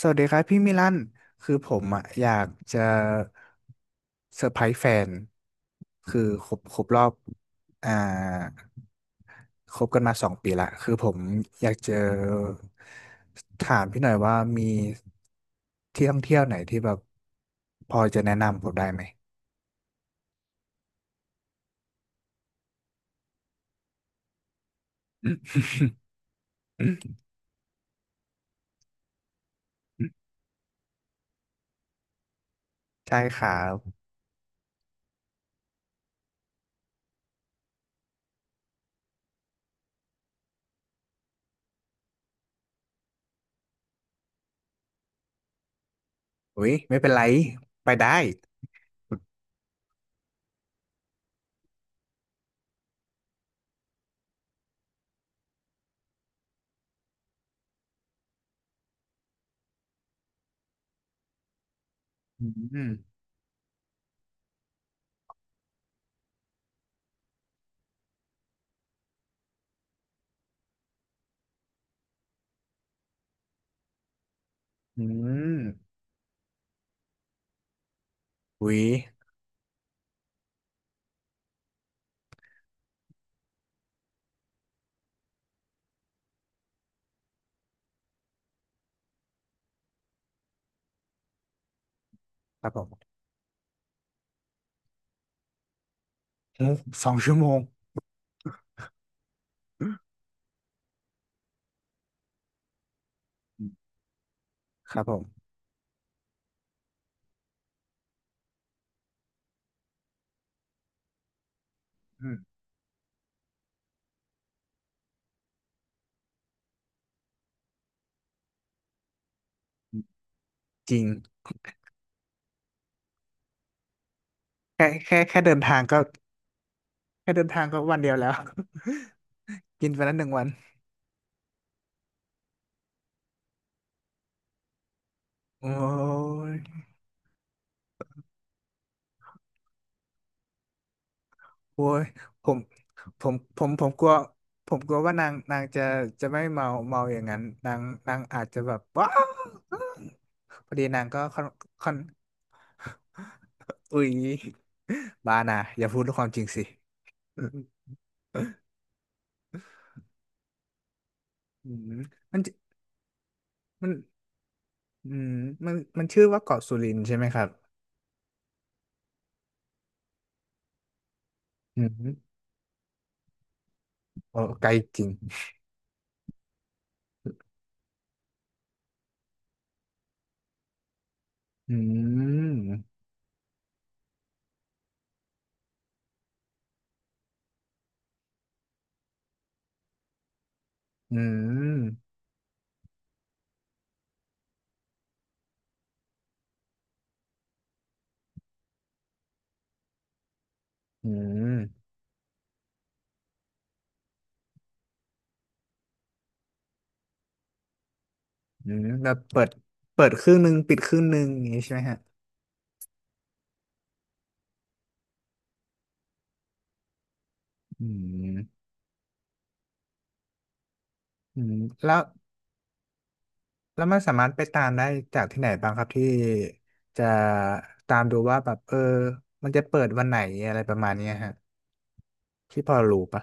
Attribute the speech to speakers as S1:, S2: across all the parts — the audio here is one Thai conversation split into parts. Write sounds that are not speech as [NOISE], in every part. S1: สวัสดีครับพี่มิลันคือผมอยากจะเซอร์ไพรส์แฟนคือครบรอบอ่าคบกันมาสองปีละคือผมอยากจะถามพี่หน่อยว่ามีที่ท่องเที่ยวไหนที่แบบพอจะแนะนำผมได้ไหมใช่ครับอุ้ยไม่เป็นไรไปได้ อืมอืมอุ๊ยครับผม สองชั่วโมงครับผมอืมจริงแค่เดินทางก็แค่เดินทางก็วันเดียวแล้ว [LAUGHS] กินไปแล้วหนึ่งวันโอ้ย โอ้ยผมผมผมกลัวผมกลัวว่านางนางจะจะไม่เมาเมาอย่างนั้นนางนางอาจจะแบบว้าวพอดีนางก็ค่อนอุ้ยบ้านะอย่าพูดความจริงสิอืมอืมมันจะมันอืมมันมันชื่อว่าเกาะสุรินทร์ใช่ไหมครับอืมโอ้ไกลจริงอืมอืมอืมอืมแล้วเปิดเปิดครึ่งหนึ่งปิดครึ่งหนึ่งอย่างนี้ใช่ไหมฮะอืม อืมแล้ว แล้วมันสามารถไปตามได้จากที่ไหนบ้างครับที่จะตามดูว่าแบบเออมันจะเปิดวันไหนอะไรประมาณเนี้ยฮะที่พอรู้ปะ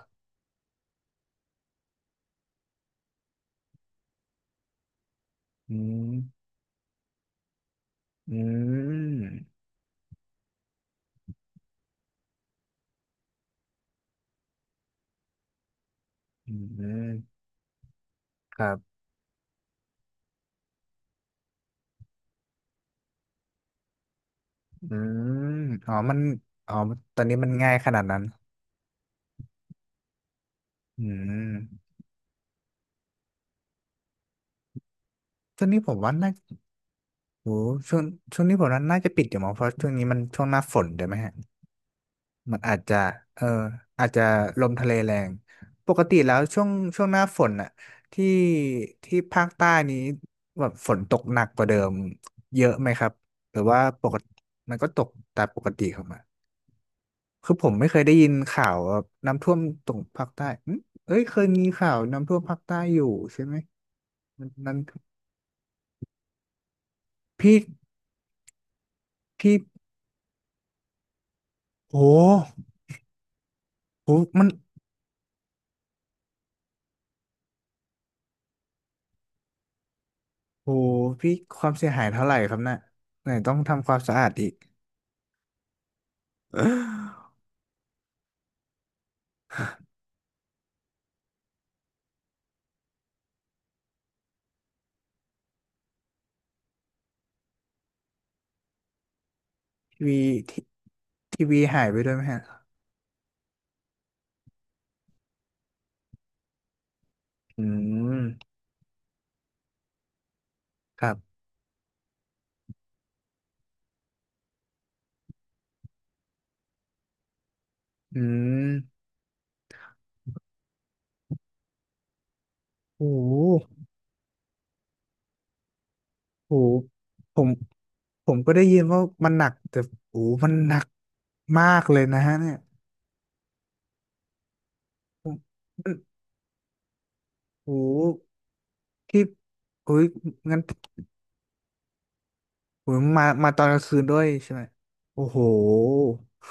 S1: อืมอืมอืมครับอืมอ๋อมันอ๋อตอนนี้มันง่ายขนาดนั้นอืมช่วงนี้ผมว่าน่าโหช่วงช่วงนี้ผมว่าน่าจะปิดอยู่มั้งเพราะช่วงนี้มันช่วงหน้าฝนด้วยไหมฮะ มันอาจจะเอออาจจะลมทะเลแรงปกติแล้วช่วงหน้าฝนน่ะที่ที่ภาคใต้นี้แบบฝนตกหนักกว่าเดิมเยอะไหมครับหรือว่าปกติมันก็ตกตามปกติของมันคือผมไม่เคยได้ยินข่าวว่าน้ำท่วมตรงภาคใต้อืมเอ้ยเคยมีข่าวน้ำท่วมภาคใต้อยู่ใช่ไหมมันนั้นพี่พี่โอ้โหมันโอ้โหพี่ความเสียหายเท่าไหร่ครับน่ะไหนต้องทำความสะอาดอีก ทีวีทีทีวีหายไปด้วยไหมฮะอืมครับอืมโอ้โหโอ้โหผมผมก็ได้ยินว่ามันหนักแต่โอ้โหมันหนักมากเลยนะฮะเนี่ยผมมันโอ้โหที่โอ้ยงั้นผมมาตอนกลางคืนด้วยใช่ไหมโอ้โห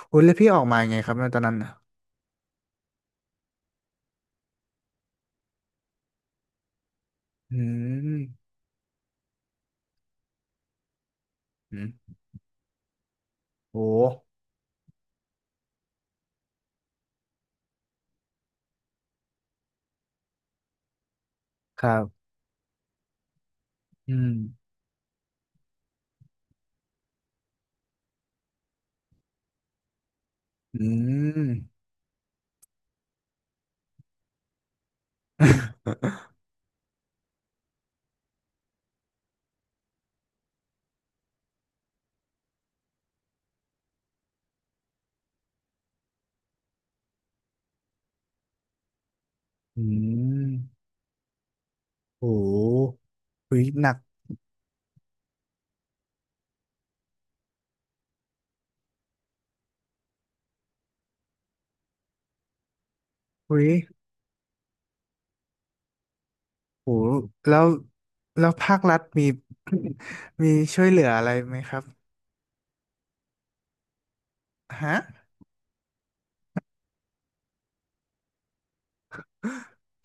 S1: โอ้ยแล้วพี่ออกมายังไงครับในตอนนั้นอืมอืมโอ้ครับอืมอืม [LAUGHS] อืม โอ้โหหุยหนักหุยโอ้โหแล้วแล้วภาครัฐมี [COUGHS] มีช่วยเหลืออะไรไหมครับฮะ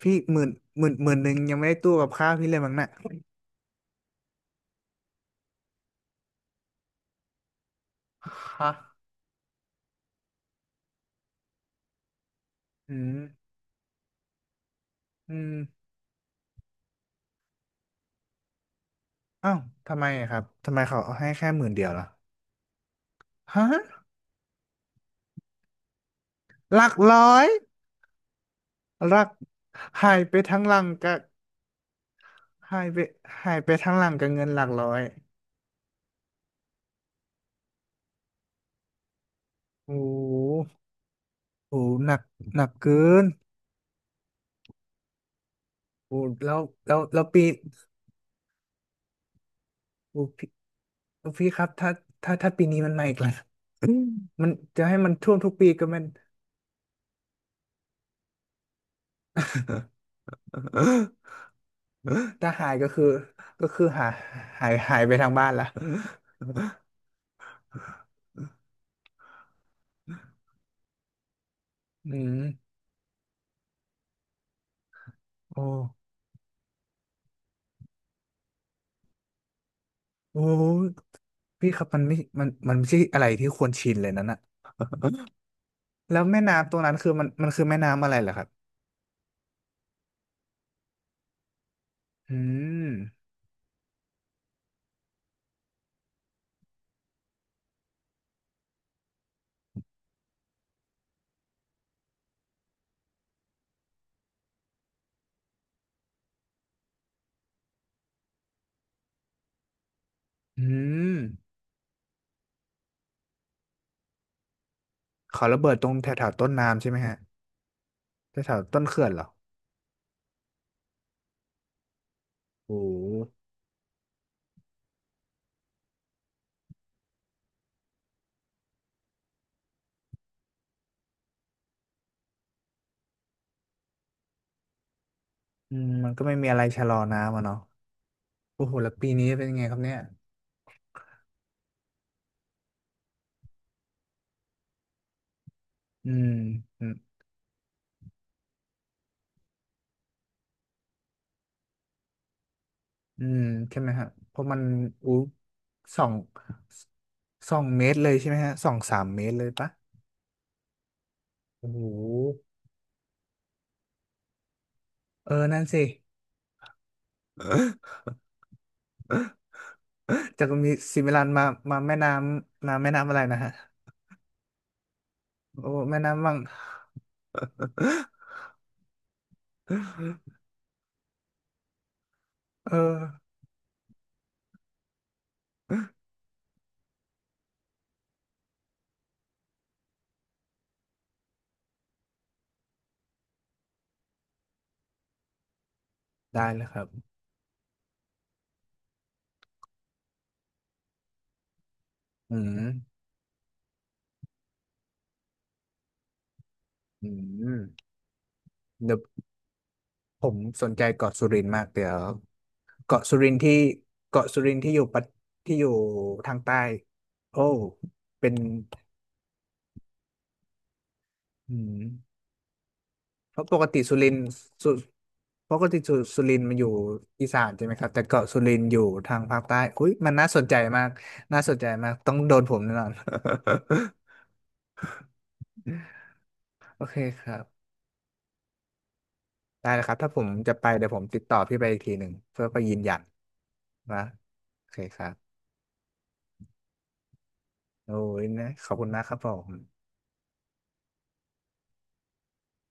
S1: พี่หมื่นหมื่นหนึ่งยังไม่ได้ตู้กับข้าวพี่เลยมั้งน่ะฮะอืมอืมอ้าวทำไมครับทำไมเขาให้แค่หมื่นเดียวล่ะฮะหลักร้อยหลักหายไปทั้งหลังกับหายไปหายไปทั้งหลังกับเงินหลักร้อยโอ้โหโอ้โหหนักหนักเกินโอ้แล้วแล้วแล้วปี โอ้พี่โอ้พี่ครับถ้าถ้าถ้าปีนี้มันมาอีกแล้วอืม [LAUGHS] มันจะให้มันท่วมทุกปีก็ไมัน [LAUGHS] ถ้าหายก็คือก็คือหายหายหายไปทางบ้านละ [LAUGHS] อืมโอ้โอ้พี่ครับมันไม่มันไม่ใช่อะไรที่ควรชินเลยนั่นแล้วแม่น้ำตรงนั้นคือมันมันคือแม่น้ำอะไรเหรอครับอืมอืมเขาระเบิดตรงแถวแถวต้นน้ำใช่ไหมฮะแถวแถวต้นเขื่อนเหรอโอ้โหอืมมันก็ไม่มีอะไรชะลอน้ำอะเนาะ โอ้โหแล้วปีนี้เป็นยังไงครับเนี่ยอืมอืมอืมใช่ไหมฮะเพราะมันอู้สอง สองเมตรเลยใช่ไหมฮะสองสามเมตรเลยปะโอ้โหเออนั่นสิ [LAUGHS] จากมีซิมิลันมามาแม่น้ำน้ำแม่น้ำอะไรนะฮะโอ้แม่น้ำบัง [LAUGHS] เออได้เลยครับอืมอืมเดี๋ยวผมสนใจเกาะสุรินทร์มากเดี๋ยว เกาะสุรินทร์ที่เกาะสุรินทร์ที่อยู่ปัตที่อยู่ทางใต้โอ้เป็นอืมเพราะปกติสุรินทร์สุปกติสุรินทร์มันอยู่อีสานใช่ไหมครับแต่เกาะสุรินทร์อยู่ทางภาคใต้อุ้ยมันน่าสนใจมากน่าสนใจมากต้องโดนผมแน่นอน [LAUGHS] โอเคครับได้แล้วครับถ้าผมจะไปเดี๋ยวผมติดต่อพี่ไปอีกทีหนึ่งเพื่อไปยืนยันนะโอเคครับโอ้ยนะขอบคุณมากครับผม